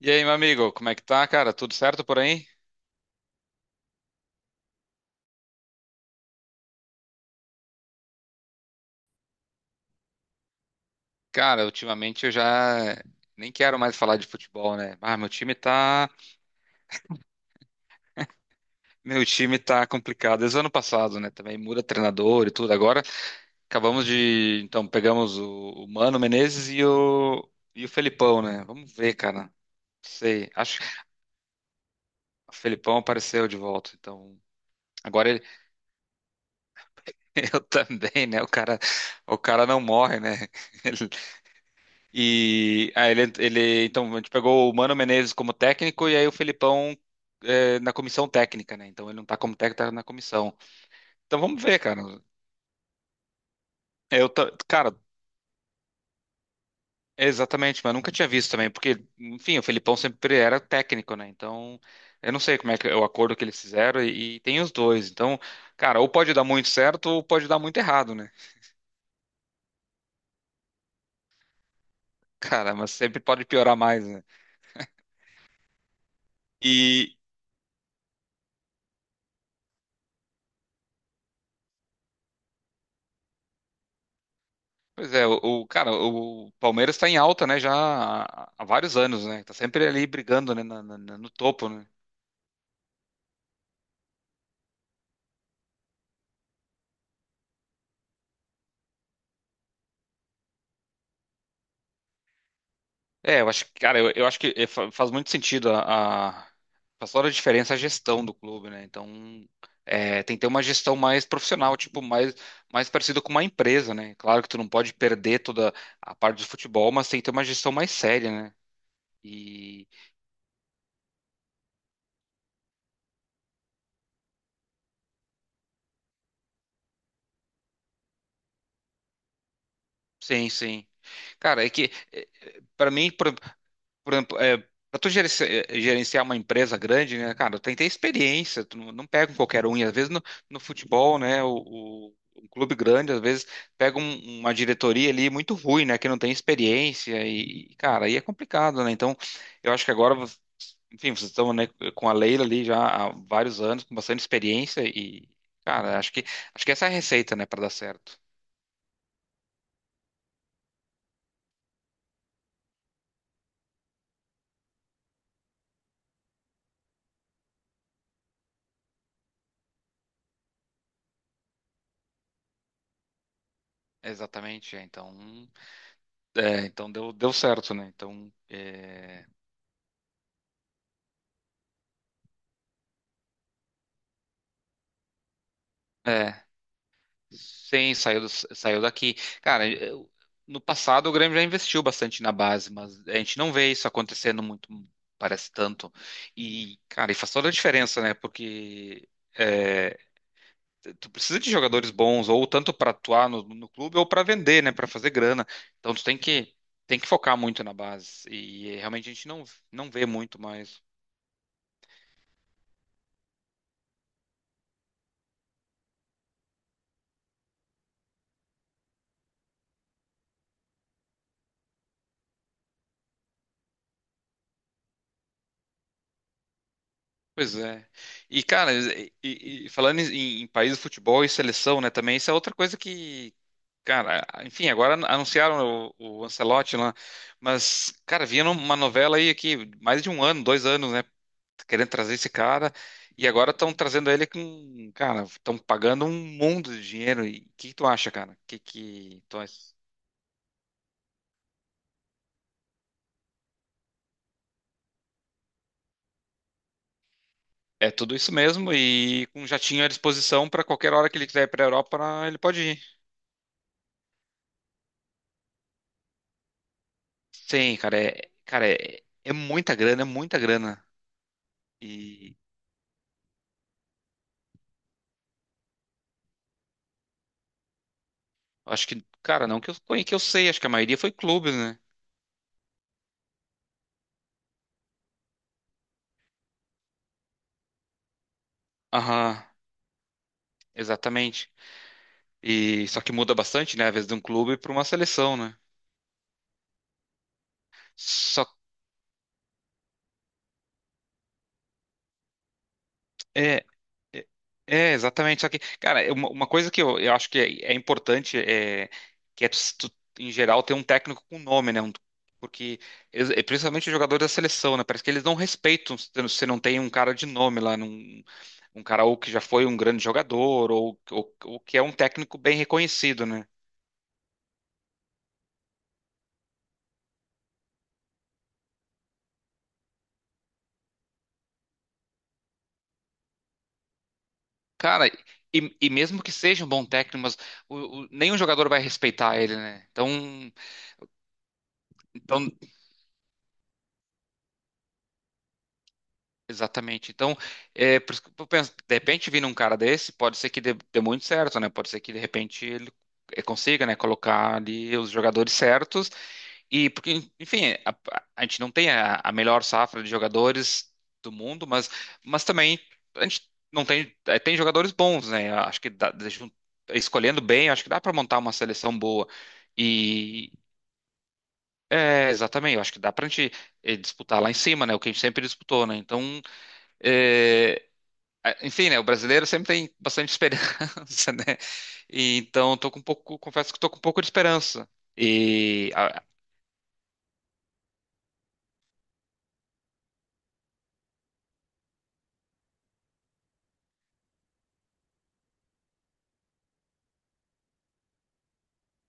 E aí, meu amigo, como é que tá, cara? Tudo certo por aí? Cara, ultimamente eu já nem quero mais falar de futebol, né? Ah, meu meu time tá complicado. Desde o ano passado, né? Também muda treinador e tudo. Agora então pegamos o Mano Menezes e o Felipão, né? Vamos ver, cara. Não sei. Acho que o Felipão apareceu de volta, então agora eu também, né? O cara não morre, né? E aí então, a gente pegou o Mano Menezes como técnico e aí o Felipão na comissão técnica, né? Então ele não tá como técnico, tá na comissão. Então vamos ver, cara. Cara, é exatamente, mas nunca tinha visto também, porque, enfim, o Felipão sempre era técnico, né? Então eu não sei como é que é o acordo que eles fizeram e tem os dois. Então, cara, ou pode dar muito certo ou pode dar muito errado, né? Cara, mas sempre pode piorar mais, né? E, Pois é, o- cara, o Palmeiras está em alta, né, já há vários anos, né? Tá sempre ali brigando, né, no topo, né? É, eu acho que, cara, eu acho que faz muito faz toda a diferença a gestão do clube, né? Então, tem que ter uma gestão mais profissional, tipo, mais, mais parecida com uma empresa, né? Claro que tu não pode perder toda a parte do futebol, mas tem que ter uma gestão mais séria, né? E sim, sim. Cara, é que pra mim, por exemplo, é, para tu gerenci- eh, gerenciar uma empresa grande, né, cara, tem que ter experiência, tu não, não pega um qualquer um, e às vezes no futebol, né, um clube grande, às vezes pega uma diretoria ali muito ruim, né, que não tem experiência e, cara, aí é complicado, né, então eu acho que agora, enfim, vocês estão, né, com a Leila ali já há vários anos, com bastante experiência e, cara, acho que essa é a receita, né, para dar certo. Exatamente, é, então deu, deu certo, né, então... É... É. Sim, saiu daqui. Cara, eu- no passado o Grêmio já investiu bastante na base, mas a gente não vê isso acontecendo muito, parece tanto. E, cara, e faz toda a diferença, né? Porque é, tu precisa de jogadores bons, ou tanto para atuar no clube, ou para vender, né? Para fazer grana. Então tem que focar muito na base. E realmente a gente não, não vê muito mais. Pois é. E, cara, e falando em país de futebol e seleção, né, também, isso é outra coisa que, cara, enfim, agora anunciaram o Ancelotti lá, mas, cara, vinha numa novela aí aqui, mais de um ano, dois anos, né, querendo trazer esse cara, e agora estão trazendo ele com, cara, estão pagando um mundo de dinheiro, e o que que tu acha, cara? Que tu acha? É tudo isso mesmo, e com um jatinho à disposição para qualquer hora que ele quiser ir para a Europa, ele pode ir. Sim, cara, é muita grana, e acho que, cara, não que eu, que eu sei, acho que a maioria foi clubes, né? Aham. Exatamente. E só que muda bastante, né? Às vezes de um clube para uma seleção, né? Só é, é, é, exatamente. Só que, cara, é uma coisa que eu acho que é importante é que é tu, tu, em geral ter um técnico com nome, né? Porque e principalmente os jogadores da seleção, né? Parece que eles não respeitam se você não tem um cara de nome lá, num, um cara ou que já foi um grande jogador ou que é um técnico bem reconhecido, né? Cara, e mesmo que seja um bom técnico, mas nenhum jogador vai respeitar ele, né? Então, então exatamente. Então, é, por isso que eu penso, de repente, vindo um cara desse, pode ser que dê muito certo, né? Pode ser que, de repente, ele consiga, né, colocar ali os jogadores certos. E porque, enfim, a gente não tem a melhor safra de jogadores do mundo, mas também a gente não tem, tem jogadores bons, né? Eu acho escolhendo bem, eu acho que dá para montar uma seleção boa. E é, exatamente, eu acho que dá para a gente disputar lá em cima, né? O que a gente sempre disputou, né? Então, eh, enfim, né? O brasileiro sempre tem bastante esperança, né? E, então, tô com um pouco, confesso que tô com um pouco de esperança. E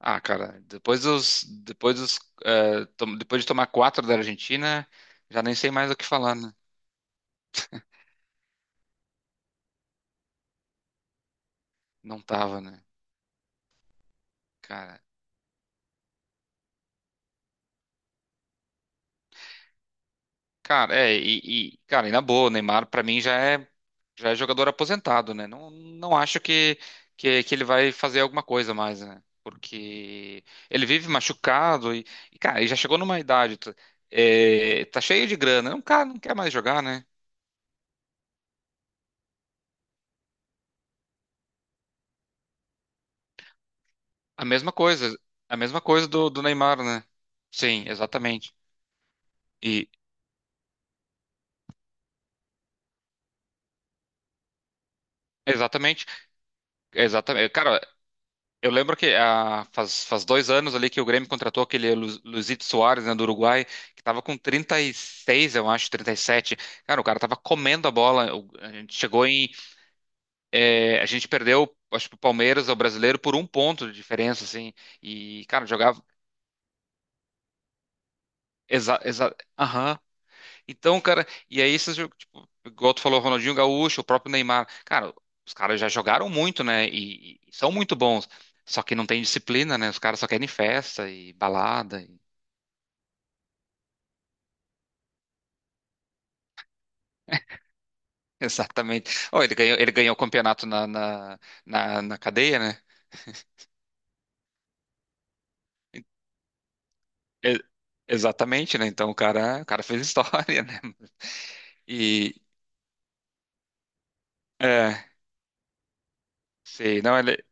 ah, cara, depois de tomar quatro da Argentina, já nem sei mais o que falar, né? Não tava, né? Cara, cara, e na boa, o Neymar pra mim já é jogador aposentado, né? Não, não acho que ele vai fazer alguma coisa mais, né? Porque ele vive machucado e, cara, ele já chegou numa idade, tá, tá cheio de grana, não, cara, não quer mais jogar, né? A mesma coisa, a mesma coisa do Neymar, né? Sim, exatamente. E exatamente, exatamente. Cara, eu lembro que ah, faz dois anos ali que o Grêmio contratou aquele Luizito Soares, né, do Uruguai, que tava com 36, eu acho, 37. Cara, o cara tava comendo a bola. A gente chegou em. Eh, a gente perdeu, acho que o Palmeiras, o brasileiro, por um ponto de diferença, assim. E, cara, jogava. Exa, exa, Então, cara, e aí esses jogos, tipo, igual tu falou, Ronaldinho Gaúcho, o próprio Neymar, cara, os caras já jogaram muito, né? E são muito bons. Só que não tem disciplina, né? Os caras só querem festa e balada. E exatamente. Oh, ele ganhou o campeonato na cadeia, né? E- Exatamente, né? Então o cara fez história, né? E é, sei, não, ele,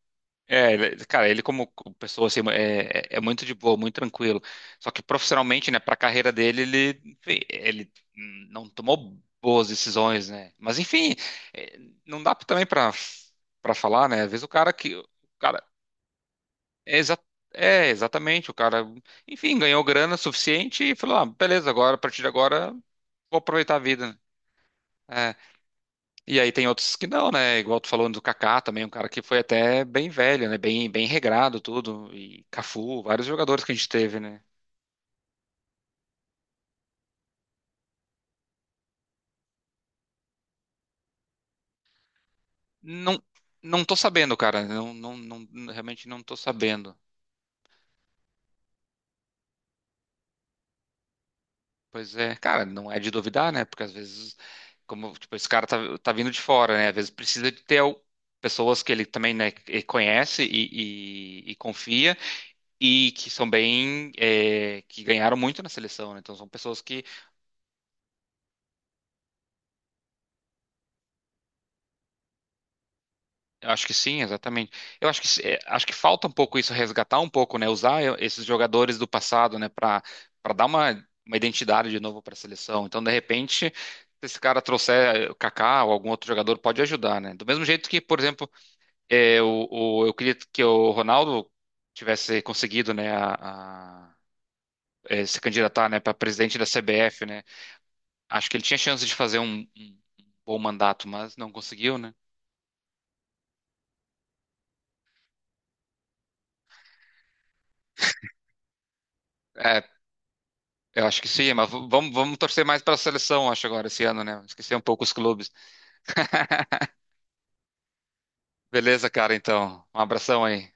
é, cara, ele como pessoa assim é muito de boa, muito tranquilo. Só que profissionalmente, né, para carreira dele, ele enfim, ele não tomou boas decisões, né? Mas enfim, é, não dá também para para falar, né? Às vezes o cara que o cara é, exa é exatamente o cara, enfim, ganhou grana suficiente e falou, ah, beleza, agora a partir de agora vou aproveitar a vida. Né. E aí tem outros que não, né? Igual tu falou do Kaká também, um cara que foi até bem velho, né? Bem, bem regrado tudo. E Cafu, vários jogadores que a gente teve, né? Não, não tô sabendo, cara. Não, não, não, realmente não tô sabendo. Pois é, cara, não é de duvidar, né? Porque às vezes, como, tipo, esse cara tá vindo de fora, né? Às vezes precisa de ter pessoas que ele também, né, que conhece e confia e que são bem, é, que ganharam muito na seleção, né? Então são pessoas que eu acho que sim, exatamente. Eu acho que é, acho que falta um pouco isso, resgatar um pouco, né? Usar esses jogadores do passado, né? Para para dar uma identidade de novo para a seleção. Então, de repente, se esse cara trouxer o Kaká ou algum outro jogador, pode ajudar, né? Do mesmo jeito que, por exemplo, eu queria que o Ronaldo tivesse conseguido, né? Se candidatar, né? Para presidente da CBF, né? Acho que ele tinha chance de fazer um bom mandato, mas não conseguiu, né? É, eu acho que sim, mas vamos, vamos torcer mais para a seleção, acho, agora, esse ano, né? Esquecer um pouco os clubes. Beleza, cara, então. Um abração aí.